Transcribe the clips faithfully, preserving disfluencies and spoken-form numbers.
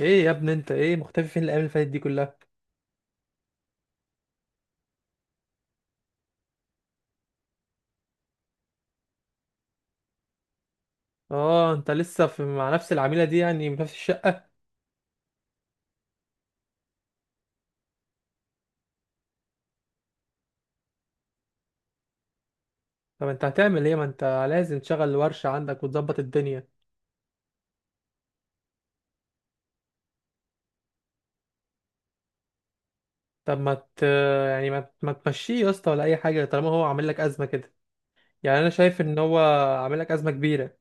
ايه يا ابني، انت ايه مختفي فين الايام اللي فاتت دي كلها؟ اه، انت لسه في مع نفس العميله دي يعني في نفس الشقه؟ طب انت هتعمل ايه، ما انت لازم تشغل ورشه عندك وتظبط الدنيا. طب ما ت... يعني ما, ما تمشيه يا اسطى ولا اي حاجه طالما هو عامل لك ازمه كده. يعني انا شايف ان هو عامل لك ازمه كبيره.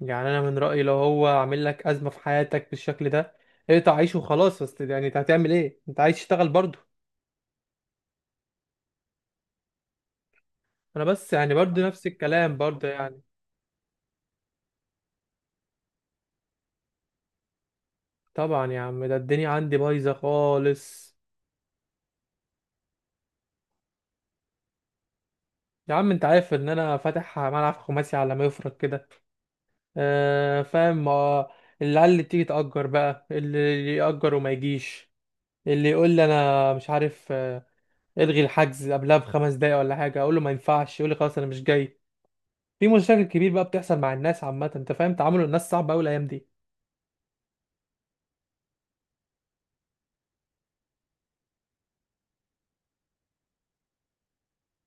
يعني انا من رايي لو هو عامل لك ازمه في حياتك بالشكل ده اقطع عيشه وخلاص، بس يعني انت هتعمل ايه، انت عايز تشتغل برضه. انا بس يعني برضه نفس الكلام برضه يعني. طبعا يا عم، ده الدنيا عندي بايظه خالص. يا عم انت عارف ان انا فاتح ملعب خماسي على ما يفرق كده، آه فاهم، آه، العيال اللي تيجي تأجر بقى، اللي يأجر وما يجيش، اللي يقول لي انا مش عارف، آه، الغي الحجز قبلها بخمس دقايق ولا حاجه، اقول له ما ينفعش، يقول لي خلاص انا مش جاي. في مشاكل كبير بقى بتحصل مع الناس عامه، انت فاهم، تعامل الناس صعب قوي الايام دي.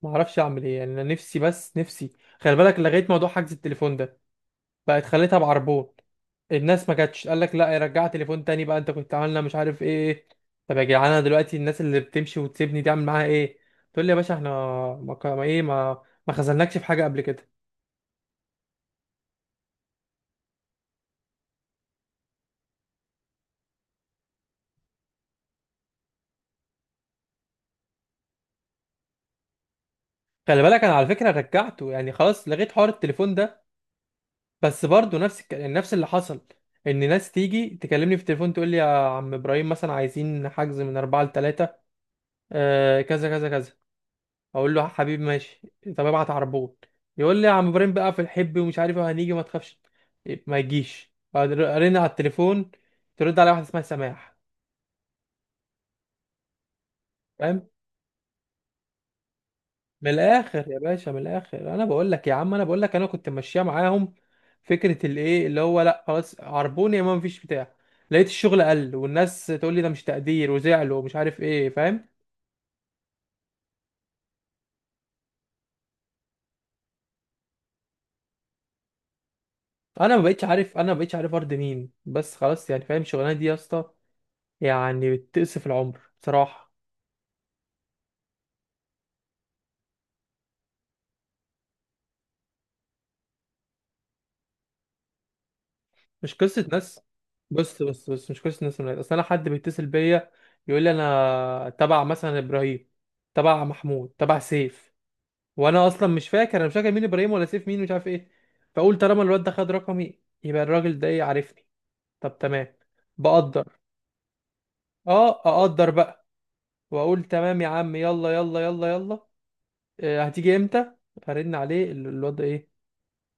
ما اعرفش اعمل ايه يعني، انا نفسي بس نفسي. خلي بالك لغيت موضوع حجز التليفون ده، بقت خليتها بعربون. الناس ما كانتش، قال لك لا يرجع تليفون تاني بقى، انت كنت عاملنا مش عارف ايه. طب يا جدعان انا دلوقتي الناس اللي بتمشي وتسيبني دي اعمل معاها ايه؟ تقول لي يا باشا احنا ما ك- ما ايه ما ما خذلناكش في حاجه قبل كده. خلي بالك انا على فكره رجعته، يعني خلاص لغيت حوار التليفون ده، بس برضه نفس الك... نفس اللي حصل، ان ناس تيجي تكلمني في التليفون تقول لي يا عم ابراهيم مثلا عايزين حجز من اربعة ل تلاتة، آه كذا كذا كذا، اقول له حبيبي ماشي، طب ابعت عربون، يقول لي يا عم ابراهيم بقى في الحب ومش عارف إيه، هنيجي ما تخافش، ما يجيش، ارن على التليفون ترد على واحده اسمها سماح، فاهم. من الاخر يا باشا، من الاخر، انا بقول لك يا عم، انا بقول لك انا كنت ماشيه معاهم فكره الايه اللي هو لا خلاص عربون يا ما مفيش بتاع، لقيت الشغل قل والناس تقول لي ده مش تقدير وزعلوا ومش عارف ايه، فاهم. انا ما بقتش عارف انا ما بقتش عارف ارضي مين بس خلاص يعني، فاهم الشغلانه دي يا اسطى، يعني بتقصف العمر بصراحه. مش قصه ناس، بص بص بص مش قصه ناس من العيله، اصل انا حد بيتصل بيا يقول لي انا تبع مثلا ابراهيم، تبع محمود، تبع سيف، وانا اصلا مش فاكر، انا مش فاكر مين ابراهيم ولا سيف مين، مش عارف ايه. فاقول طالما الواد ده خد رقمي يبقى الراجل ده ايه عارفني، طب تمام، بقدر، اه اقدر بقى، واقول تمام يا عم يلا يلا يلا يلا، آه، هتيجي امتى؟ ارن عليه ال- الواد ده ايه،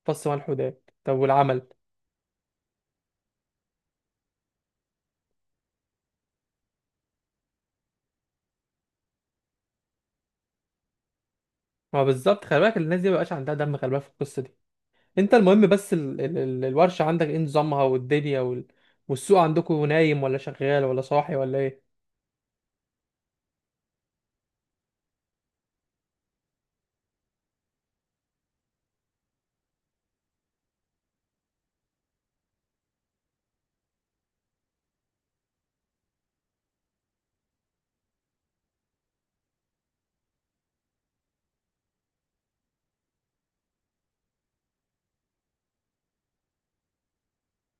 فص ملح وداب. طب والعمل؟ ما هو بالظبط، خلي بالك الناس دي مبقاش عندها دم، خلي بالك في القصه دي. انت المهم بس ال... ال... ال- الورشة عندك ايه نظامها، والدنيا وال... والسوق عندكم نايم ولا شغال ولا صاحي ولا ايه؟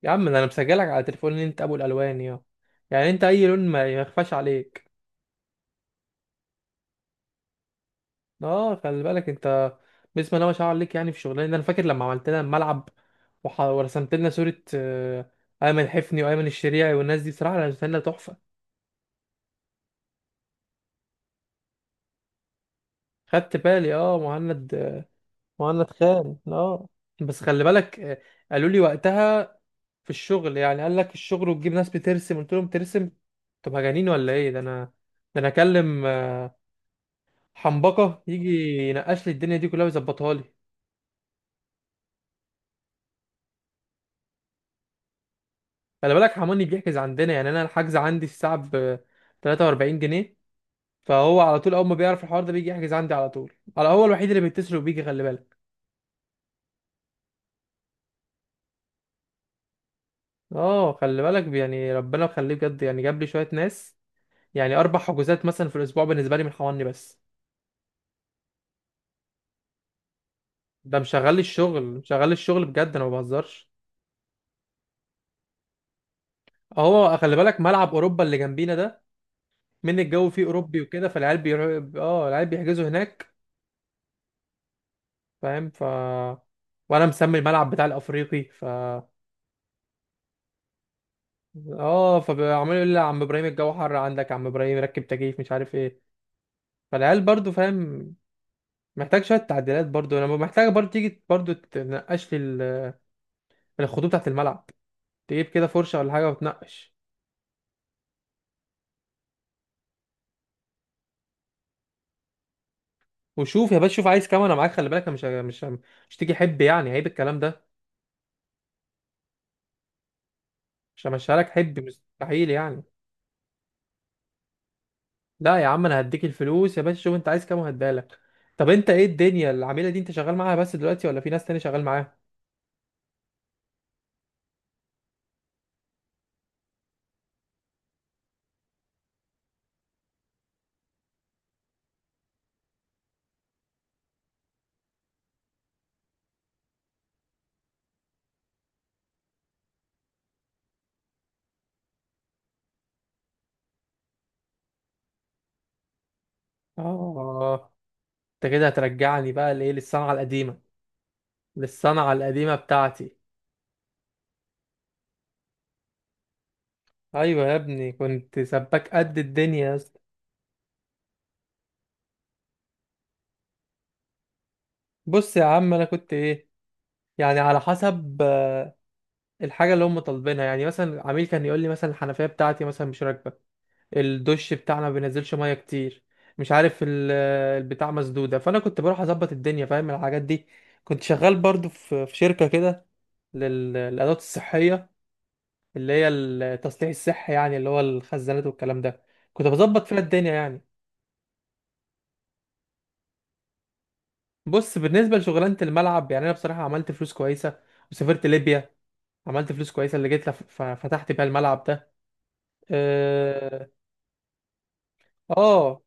يا عم ده انا مسجلك على تليفون ان انت ابو الالوان، يا يعني انت اي لون ما ما يخفاش عليك. اه خلي بالك انت، بسم الله ما شاء الله عليك، يعني في شغلنا انا فاكر لما عملت لنا الملعب وح... ورسمت لنا صورة، آه، ايمن حفني وايمن الشريعي والناس دي، بصراحة رسمت لنا تحفة. خدت بالي، اه مهند، وانا اتخان اه. بس خلي بالك، آه، قالوا لي وقتها في الشغل يعني، قال لك الشغل وتجيب ناس بترسم، قلت لهم ترسم؟ طب هجانين ولا ايه، ده انا ده انا اكلم، آه، حنبقه يجي ينقش لي الدنيا دي كلها ويظبطها لي. خلي بالك حماني بيحجز عندنا، يعني انا الحجز عندي الساعه ب تلاتة وأربعين جنيه، فهو على طول اول ما بيعرف الحوار ده بيجي يحجز عندي على طول، على هو الوحيد اللي بيتصل وبيجي، خلي بالك. اه خلي بالك يعني ربنا يخليه بجد، يعني جاب لي شويه ناس، يعني اربع حجوزات مثلا في الاسبوع بالنسبه لي من حواني بس. ده مشغل لي الشغل، مشغل لي الشغل بجد، انا ما بهزرش. اهو خلي بالك ملعب اوروبا اللي جنبينا ده، من الجو فيه اوروبي وكده، فالعيال بيروحوا اه العيال بيحجزوا هناك، فاهم. ف وانا مسمي الملعب بتاع الافريقي، ف اه فعمال يقول لي يا عم ابراهيم الجو حر عندك، يا عم ابراهيم ركب تكييف مش عارف ايه. فالعيال برضو، فاهم، محتاج شويه تعديلات، برضو انا محتاج برضو تيجي برضو تنقش لي ال- الخطوط بتاعت الملعب، تجيب كده فرشه ولا حاجه وتنقش. وشوف يا باشا، شوف عايز كام، انا معاك، خلي بالك. أنا مش مش مش تيجي حب، يعني عيب الكلام ده، مش همشيها لك حب مستحيل يعني. لا يا عم انا هديك الفلوس يا باشا، شوف انت عايز كام وهديها لك. طب انت ايه الدنيا العميله دي، انت شغال معاها بس دلوقتي ولا في ناس تاني شغال معاها؟ اه انت كده هترجعني بقى لايه، للصنعه القديمه، للصنعه القديمه بتاعتي. ايوه يا ابني كنت سباك قد الدنيا يا اسطى. بص يا عم انا كنت ايه، يعني على حسب، آه، الحاجه اللي هم طالبينها، يعني مثلا عميل كان يقول لي مثلا الحنفيه بتاعتي مثلا مش راكبه، الدش بتاعنا ما بينزلش ميه كتير، مش عارف ال- البتاع مسدوده، فانا كنت بروح اظبط الدنيا، فاهم الحاجات دي. كنت شغال برضو في في شركه كده، لل- للادوات الصحيه، اللي هي التصليح الصحي يعني، اللي هو الخزانات والكلام ده، كنت بظبط فيها الدنيا يعني. بص بالنسبه لشغلانه الملعب، يعني انا بصراحه عملت فلوس كويسه وسافرت ليبيا، عملت فلوس كويسه اللي جيت لف- ف- فتحت بيها الملعب ده، اه. آه،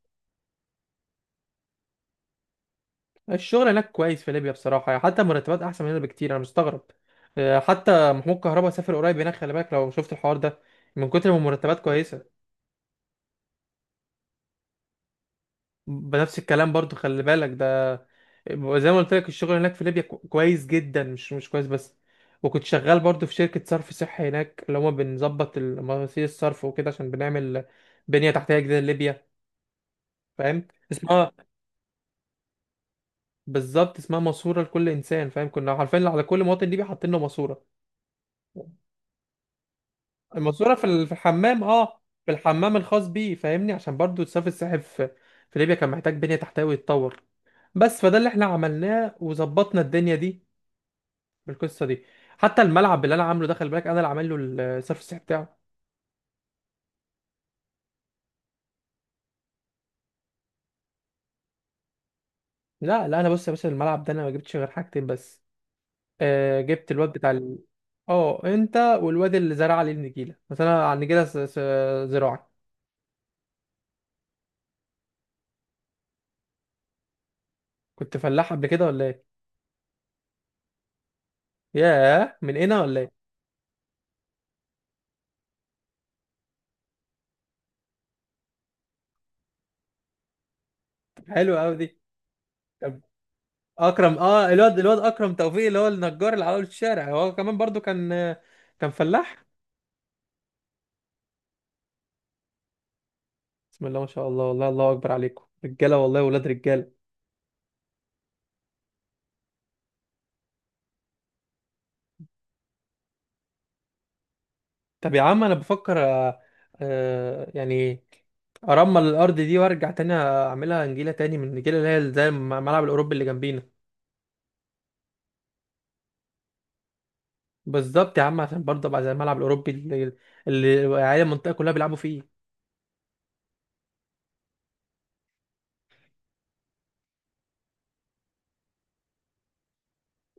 الشغل هناك كويس في ليبيا بصراحة يعني، حتى مرتبات أحسن من هنا بكتير، أنا مستغرب. آه، حتى محمود كهربا سافر قريب هناك، خلي بالك لو شفت الحوار ده، من كتر ما المرتبات كويسة. بنفس الكلام برضو، خلي بالك ده، زي ما قلت لك الشغل هناك في ليبيا كو- كويس جدا، مش مش كويس بس. وكنت شغال برضو في شركة صرف صحي هناك، اللي هما بنظبط المواسير الصرف وكده، عشان بنعمل بنية تحتية جديدة لليبيا، فاهم اسمها؟ بالظبط اسمها ماسورة لكل إنسان، فاهم، كنا عارفين على كل مواطن ليبي حاطين له ماسورة. الماسوره في ال- في الحمام، اه في الحمام الخاص بيه، فاهمني، عشان برضو الصرف الصحي في في ليبيا كان محتاج بنية تحتوي يتطور. بس فده اللي احنا عملناه وظبطنا الدنيا دي بالقصه دي. حتى الملعب اللي انا عامله ده، خلي بالك انا اللي عامل له الصرف الصحي بتاعه. لا لا انا، بص يا باشا الملعب ده انا ما جبتش غير حاجتين بس، آه جبت الواد بتاع ال... اه انت والواد اللي زرع عليه النجيله، مثلا على النجيله س- س- زراعي. كنت فلاح قبل كده ولا ايه؟ ياه من هنا ولا ايه؟ طب حلو قوي دي. اكرم، اه الواد الواد اكرم توفيق اللي هو النجار اللي على أول الشارع، هو كمان برضو كان كان فلاح. بسم الله ما شاء الله، والله الله اكبر عليكم رجاله، والله ولاد رجاله. طب يا عم انا بفكر، آه، آه، يعني ارمل الارض دي وارجع تاني اعملها نجيله تاني من النجيله اللي هي زي الملعب الاوروبي اللي جنبينا. بالظبط يا عم، عشان برضه ابقى زي الملعب الاوروبي اللي اللي العيال المنطقه كلها بيلعبوا فيه.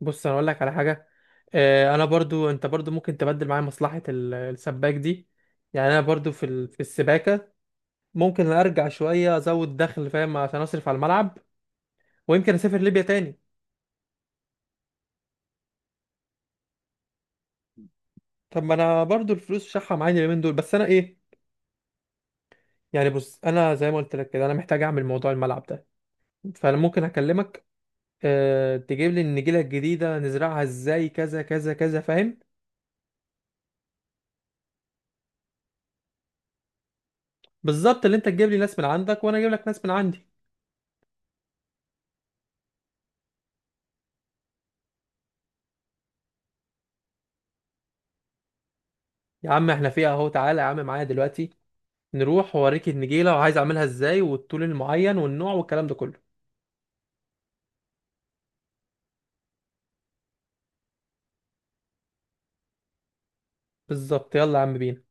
بص انا اقول لك على حاجه، آه، انا برضو انت برضو ممكن تبدل معايا مصلحه ال- السباك دي، يعني انا برضو في ال- في السباكه، ممكن ارجع شويه ازود دخل، فاهم، عشان اصرف على الملعب، ويمكن اسافر ليبيا تاني. طب ما انا برضو الفلوس شحه معايا اليومين دول، بس انا ايه يعني، بص انا زي ما قلت لك كده، انا محتاج اعمل موضوع الملعب ده، فانا ممكن اكلمك، أه تجيب لي النجيله الجديده نزرعها ازاي كذا كذا كذا، فاهم. بالظبط، اللي انت تجيب لي ناس من عندك وانا اجيب لك ناس من عندي. يا عم احنا فيها اهو، تعالى يا عم معايا دلوقتي نروح وأوريك النجيلة وعايز أعملها إزاي والطول المعين والنوع والكلام ده كله. بالظبط، يلا يا عم بينا.